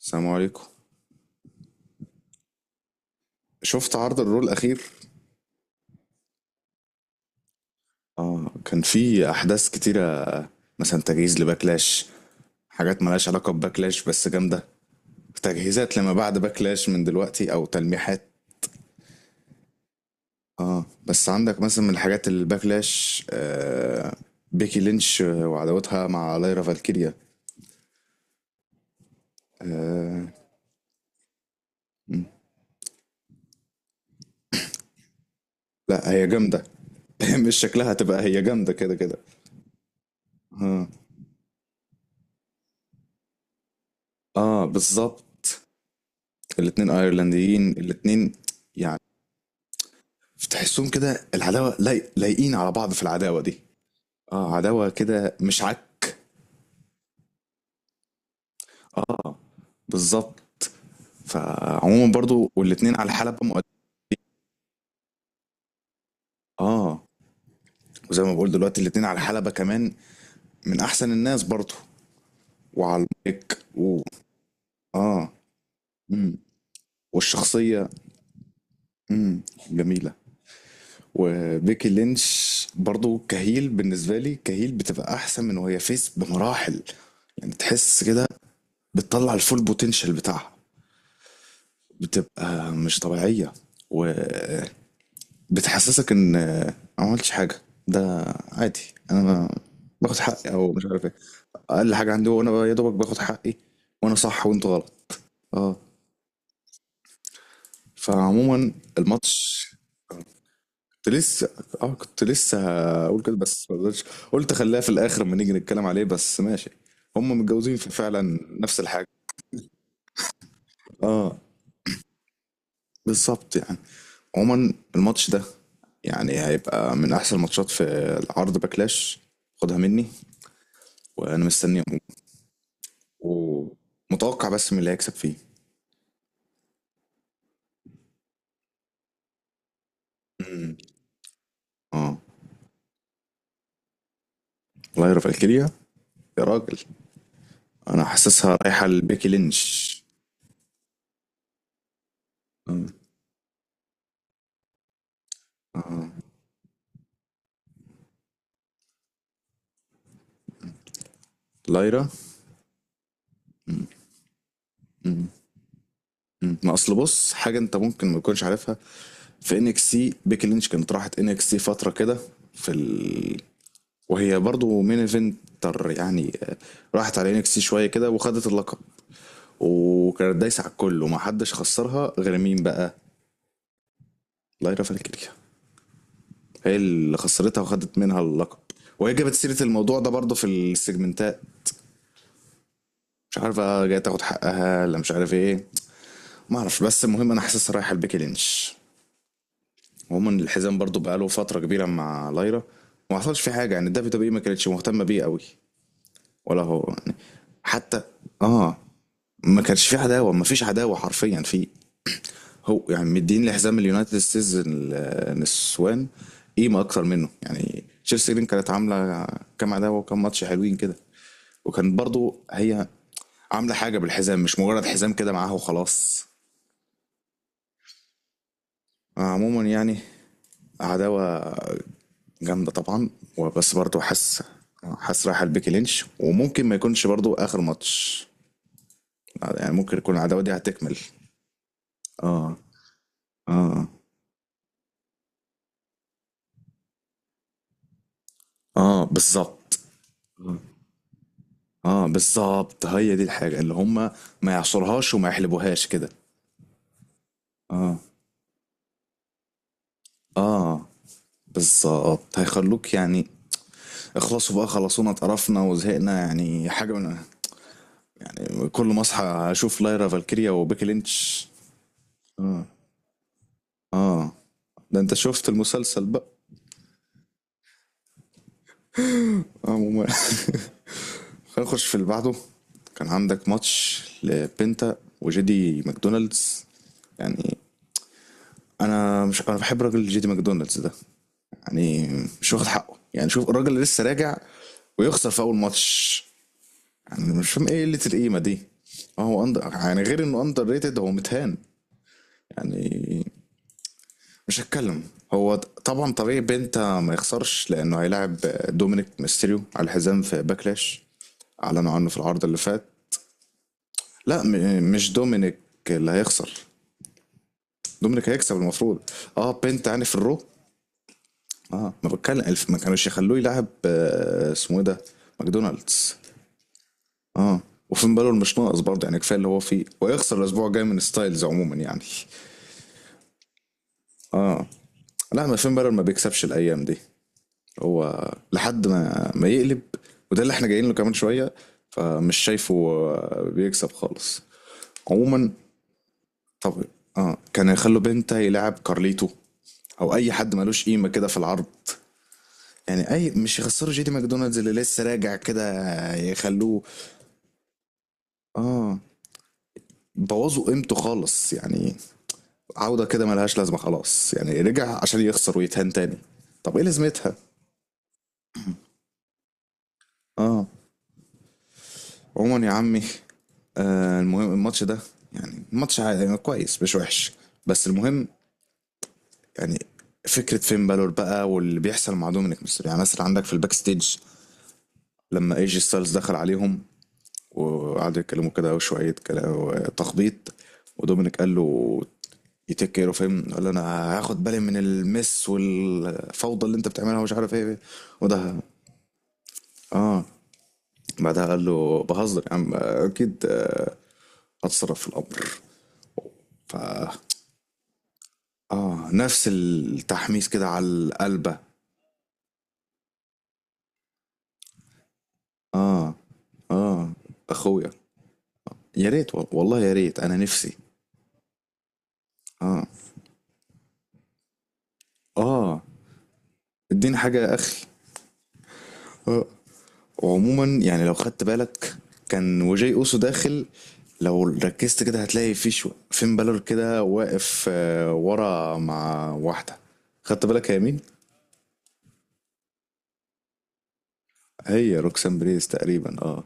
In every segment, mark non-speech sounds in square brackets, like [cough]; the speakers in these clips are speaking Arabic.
السلام عليكم. شفت عرض الرو الأخير؟ اه، كان في أحداث كتيرة. مثلا تجهيز لباكلاش، حاجات ملهاش علاقة بباكلاش بس جامدة، تجهيزات لما بعد باكلاش من دلوقتي أو تلميحات. اه بس عندك مثلا من الحاجات اللي باكلاش آه، بيكي لينش وعداوتها مع لايرا فالكيريا. آه. م. لا هي جامدة. [laughs] مش شكلها هتبقى، هي جامدة كده كده. اه. اه بالظبط، الاتنين ايرلنديين الاتنين. يعني تحسهم كده العداوه لايقين على بعض في العداوه دي. اه عداوه كده مش عك. اه بالظبط. فعموما برضو والاتنين على حلبة اه، وزي ما بقول دلوقتي الاتنين على حلبة كمان، من احسن الناس برضو، وعلى المايك و... اه. مم. والشخصية. مم. جميلة. وبيكي لينش برضو كهيل، بالنسبة لي كهيل بتبقى احسن من وهي فيس بمراحل. يعني تحس كده بتطلع الفول بوتنشال بتاعها، بتبقى مش طبيعية، وبتحسسك ان ما عملتش حاجة. ده عادي. انا باخد حقي او مش عارف ايه. اقل حاجة عندي وانا يا دوبك باخد حقي، وانا صح وانتوا غلط. اه. فعموما الماتش، كنت لسه، اه كنت لسه هقول كده بس ما قدرتش. قلت خليها في الاخر لما نيجي نتكلم عليه، بس ماشي. هم متجوزين فعلا، نفس الحاجة. اه بالظبط. يعني عموما الماتش ده يعني هيبقى من احسن الماتشات في العرض باكلاش، خدها مني. وانا مستني ومتوقع بس من اللي هيكسب فيه. امم. اه الله يرفع الكليه يا راجل. انا حاسسها رايحه لبيكي لينش. آه. آه. لايرا. مم. مم. ما اصل بص، حاجه انت ممكن ما تكونش عارفها. في ان اكس سي، بيكي لينش كانت راحت ان اكس سي فتره كده. في ال... وهي برضو مين ايفنتر يعني آه، راحت على ان اكس سي شويه كده وخدت اللقب، وكانت دايسة على الكل وما حدش خسرها غير مين بقى؟ لايرا فالكيريا. هي اللي خسرتها وخدت منها اللقب. وهي جابت سيرة الموضوع ده برضه في السيجمنتات. مش عارفة جاية تاخد حقها ولا مش عارف ايه. ما اعرفش، بس المهم انا حاسسها رايحة لبيكي لينش. عموما الحزام برضه بقاله فترة كبيرة مع لايرا، وما حصلش فيه حاجة. يعني الدبليو دبليو اي ما كانتش مهتمة بيه قوي، ولا هو يعني حتى، اه ما كانش في عداوة، ما فيش عداوة حرفيا فيه. هو يعني مدين لحزام اليونايتد السيزون. نسوان قيمه اكتر منه. يعني تشيلسي رين كانت عامله كام عداوه وكام ماتش حلوين كده، وكان برضو هي عامله حاجه بالحزام، مش مجرد حزام كده معاها وخلاص. عموما يعني عداوه جامده طبعا. وبس برضو حاسس، حاسس رايحه لبيكي لينش، وممكن ما يكونش برضو اخر ماتش. يعني ممكن يكون العداوه دي هتكمل. اه. اه. اه بالظبط. اه بالظبط هي دي الحاجة اللي هما ما يعصرهاش وما يحلبوهاش كده. اه. اه بالظبط هيخلوك يعني اخلصوا بقى، خلصونا، اتقرفنا وزهقنا، يعني حاجة من، يعني كل ما اصحى اشوف لايرا فالكيريا وبيكي لينش. اه، ده انت شفت المسلسل بقى. عموما [laughs] هنخش في اللي بعده. كان عندك ماتش لبنتا وجيدي ماكدونالدز. يعني انا مش انا بحب راجل جيدي ماكدونالدز ده. يعني مش واخد حقه. يعني شوف الراجل اللي لسه راجع ويخسر في اول ماتش. يعني مش فاهم ايه قله القيمه دي. آه هو يعني غير انه اندر ريتد هو متهان. يعني مش هتكلم. هو طبعا طبيعي بنتا ما يخسرش، لانه هيلاعب دومينيك ميستيريو على الحزام في باكلاش، اعلنوا عنه في العرض اللي فات. لا مش دومينيك اللي هيخسر، دومينيك هيكسب المفروض. اه بنت يعني في الرو. اه ما بتكلم ما كانوش يخلوه يلعب آه، اسمه ايه ده، ماكدونالدز. اه. وفين بالور مش ناقص برضه، يعني كفايه اللي هو فيه، ويخسر الاسبوع الجاي من ستايلز. عموما يعني، اه، لا ما فين بالور ما بيكسبش الايام دي. هو لحد ما يقلب، وده اللي احنا جايين له كمان شويه. فمش شايفه آه، بيكسب خالص. عموما. طب اه كان يخلوا بنتا يلعب كارليتو، او اي حد ملوش قيمه كده في العرض. يعني اي مش يخسروا جيدي ماكدونالدز اللي لسه راجع كده، يخلوه. اه بوظوا قيمته خالص يعني. عودة كده ملهاش لازمة خلاص، يعني رجع عشان يخسر ويتهان تاني. طب ايه لازمتها. اه عموما يا عمي. آه المهم الماتش ده، يعني الماتش عادي، يعني كويس مش وحش. بس المهم يعني فكرة فين بالور بقى واللي بيحصل مع دومينيك ميستيريو. يعني مثلا عندك في الباك ستيج لما ايجي ستايلز دخل عليهم، وقعدوا يتكلموا كده شوية كلام، تخبيط. ودومينيك قال له يتك كير اوف هيم، قال له انا هاخد بالي من المس والفوضى اللي انت بتعملها ومش عارف ايه. وده، اه بعدها قال له بهزر يا عم اكيد آه، هتصرف في الامر. ف اه نفس التحميس كده على القلبه. اه. اه اخويا، يا ريت والله يا ريت، انا نفسي. اه. اه اديني حاجه يا اخي. آه. وعموما يعني لو خدت بالك، كان وجاي اوسو داخل، لو ركزت كده هتلاقي في شو فين بالور كده واقف آه، ورا مع واحده. خدت بالك يا مين؟ هي روكسان بريس تقريبا، اه.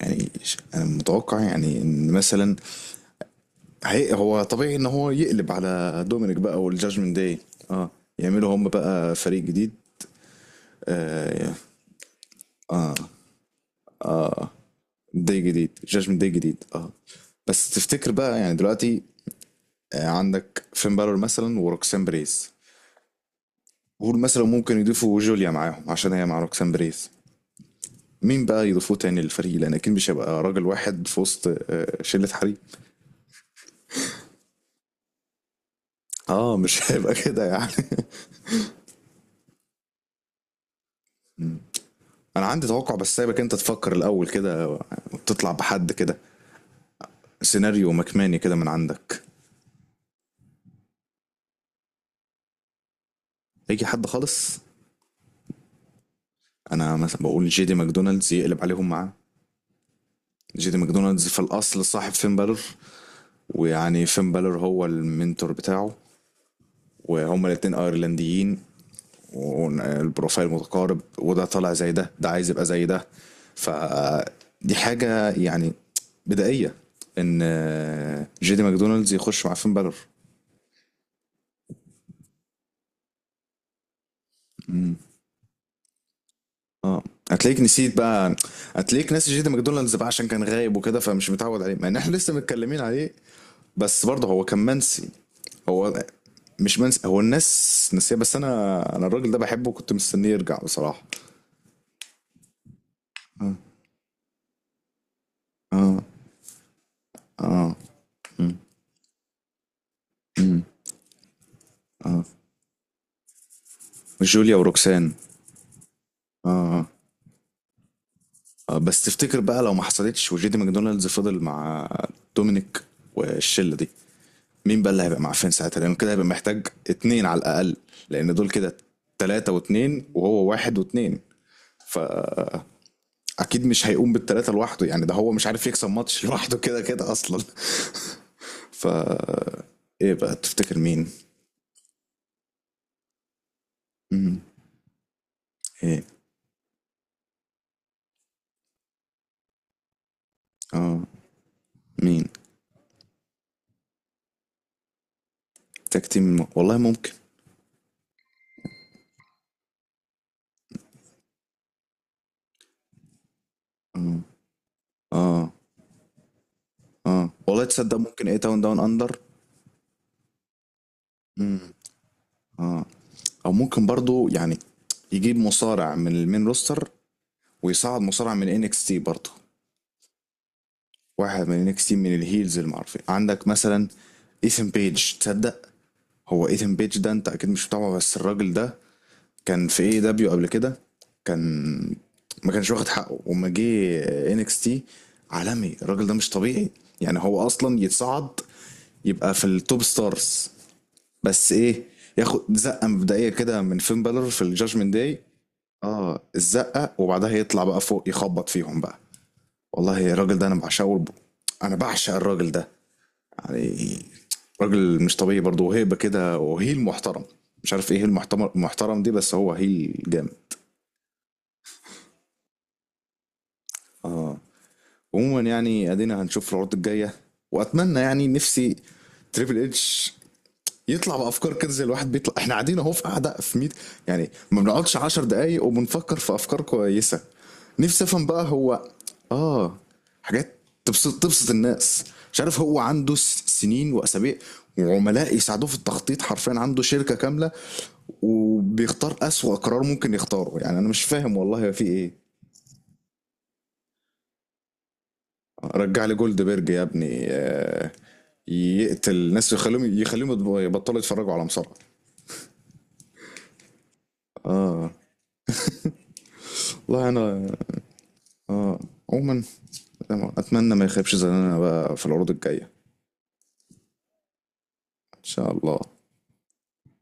يعني انا متوقع يعني ان مثلا، هو طبيعي ان هو يقلب على دومينيك بقى والجاجمنت داي. اه يعملوا هم بقى فريق جديد. اه, آه. داي جديد، جاجمنت داي جديد اه. بس تفتكر بقى يعني دلوقتي، آه عندك فين بالور مثلا وروكسان بريز، قول مثلا ممكن يضيفوا جوليا معاهم عشان هي مع روكسان بريز. مين بقى يضيفوه تاني للفريق، لان اكيد مش هيبقى راجل واحد في وسط آه، شله حريق. اه مش [laughs] هيبقى كده يعني. انا عندي توقع بس سايبك انت تفكر الاول كده، وتطلع بحد كده، سيناريو مكماني كده من عندك. اي حد خالص. انا مثلا بقول جي دي ماكدونالدز يقلب عليهم معاه. جي دي ماكدونالدز في الاصل صاحب فين بالور، ويعني فين بالور هو المنتور بتاعه، وهما الاتنين ايرلنديين، والبروفايل متقارب، وده طالع زي ده، ده عايز يبقى زي ده. فدي حاجة يعني بدائية ان جي دي ماكدونالدز يخش مع فين بالور. مم. اه هتلاقيك نسيت بقى، هتلاقيك ناسي جيدي ماكدونالدز بقى عشان كان غايب وكده، فمش متعود عليه مع ان احنا لسه متكلمين عليه. بس برضه هو كان منسي. هو مش منسي، هو الناس نسيه، بس انا الراجل ده بحبه وكنت مستنيه يرجع بصراحة. اه. اه. اه. مم. مم. اه. جوليا وروكسان، اه آه. آه، بس تفتكر بقى لو ما حصلتش، وجيدي ماكدونالدز فضل مع دومينيك والشلة دي، مين بقى اللي هيبقى معفن ساعتها؟ لانه كده هيبقى محتاج اتنين على الاقل، لان دول كده تلاتة واتنين، وهو واحد واتنين. فا اكيد مش هيقوم بالتلاتة لوحده، يعني ده هو مش عارف يكسب ماتش [laughs] لوحده كده كده اصلا. [applause] فا ايه بقى تفتكر مين. مم. ايه. اه مين؟ تاك تيم، والله ممكن. اه. اه اه والله تصدق ممكن، ايه، تاون داون اندر. مم. اه او ممكن برضو يعني يجيب مصارع من المين روستر، ويصعد مصارع من انكس تي برضه. واحد من انكس تي من الهيلز المعروفين عندك مثلا، ايثن بيج، تصدق. هو ايثن بيج ده انت اكيد مش متابعه، بس الراجل ده كان في اي دبليو قبل كده، كان ما كانش واخد حقه، وما جه انكس تي، عالمي الراجل ده، مش طبيعي. يعني هو اصلا يتصعد، يبقى في التوب ستارز، بس ايه، ياخد زقه مبدئيه كده من فين بالر في الجاجمنت داي. اه الزقه، وبعدها يطلع بقى فوق يخبط فيهم بقى. والله الراجل ده انا بعشقه، انا بعشق الراجل ده. يعني راجل مش طبيعي برضه، وهيبه كده، وهيل محترم. مش عارف ايه هيل محترم، محترم دي، بس هو هيل جامد. اه عموما يعني، ادينا هنشوف العروض الجايه، واتمنى يعني نفسي تريبل اتش يطلع بافكار كده، زي الواحد بيطلع احنا قاعدين اهو في قاعده في ميت، يعني ما بنقعدش 10 دقايق وبنفكر في افكار كويسه. نفسي افهم بقى، هو اه، حاجات تبسط الناس، مش عارف هو عنده سنين واسابيع وعملاء يساعدوه في التخطيط، حرفيا عنده شركه كامله، وبيختار اسوأ قرار ممكن يختاره. يعني انا مش فاهم والله في ايه. رجع لي جولد بيرج يا ابني آه، يقتل الناس، يخليهم يبطلوا يتفرجوا على مصارعه. اه والله انا، اه، عموما أتمنى ما يخيبش ظننا بقى في العروض الجاية. إن شاء الله.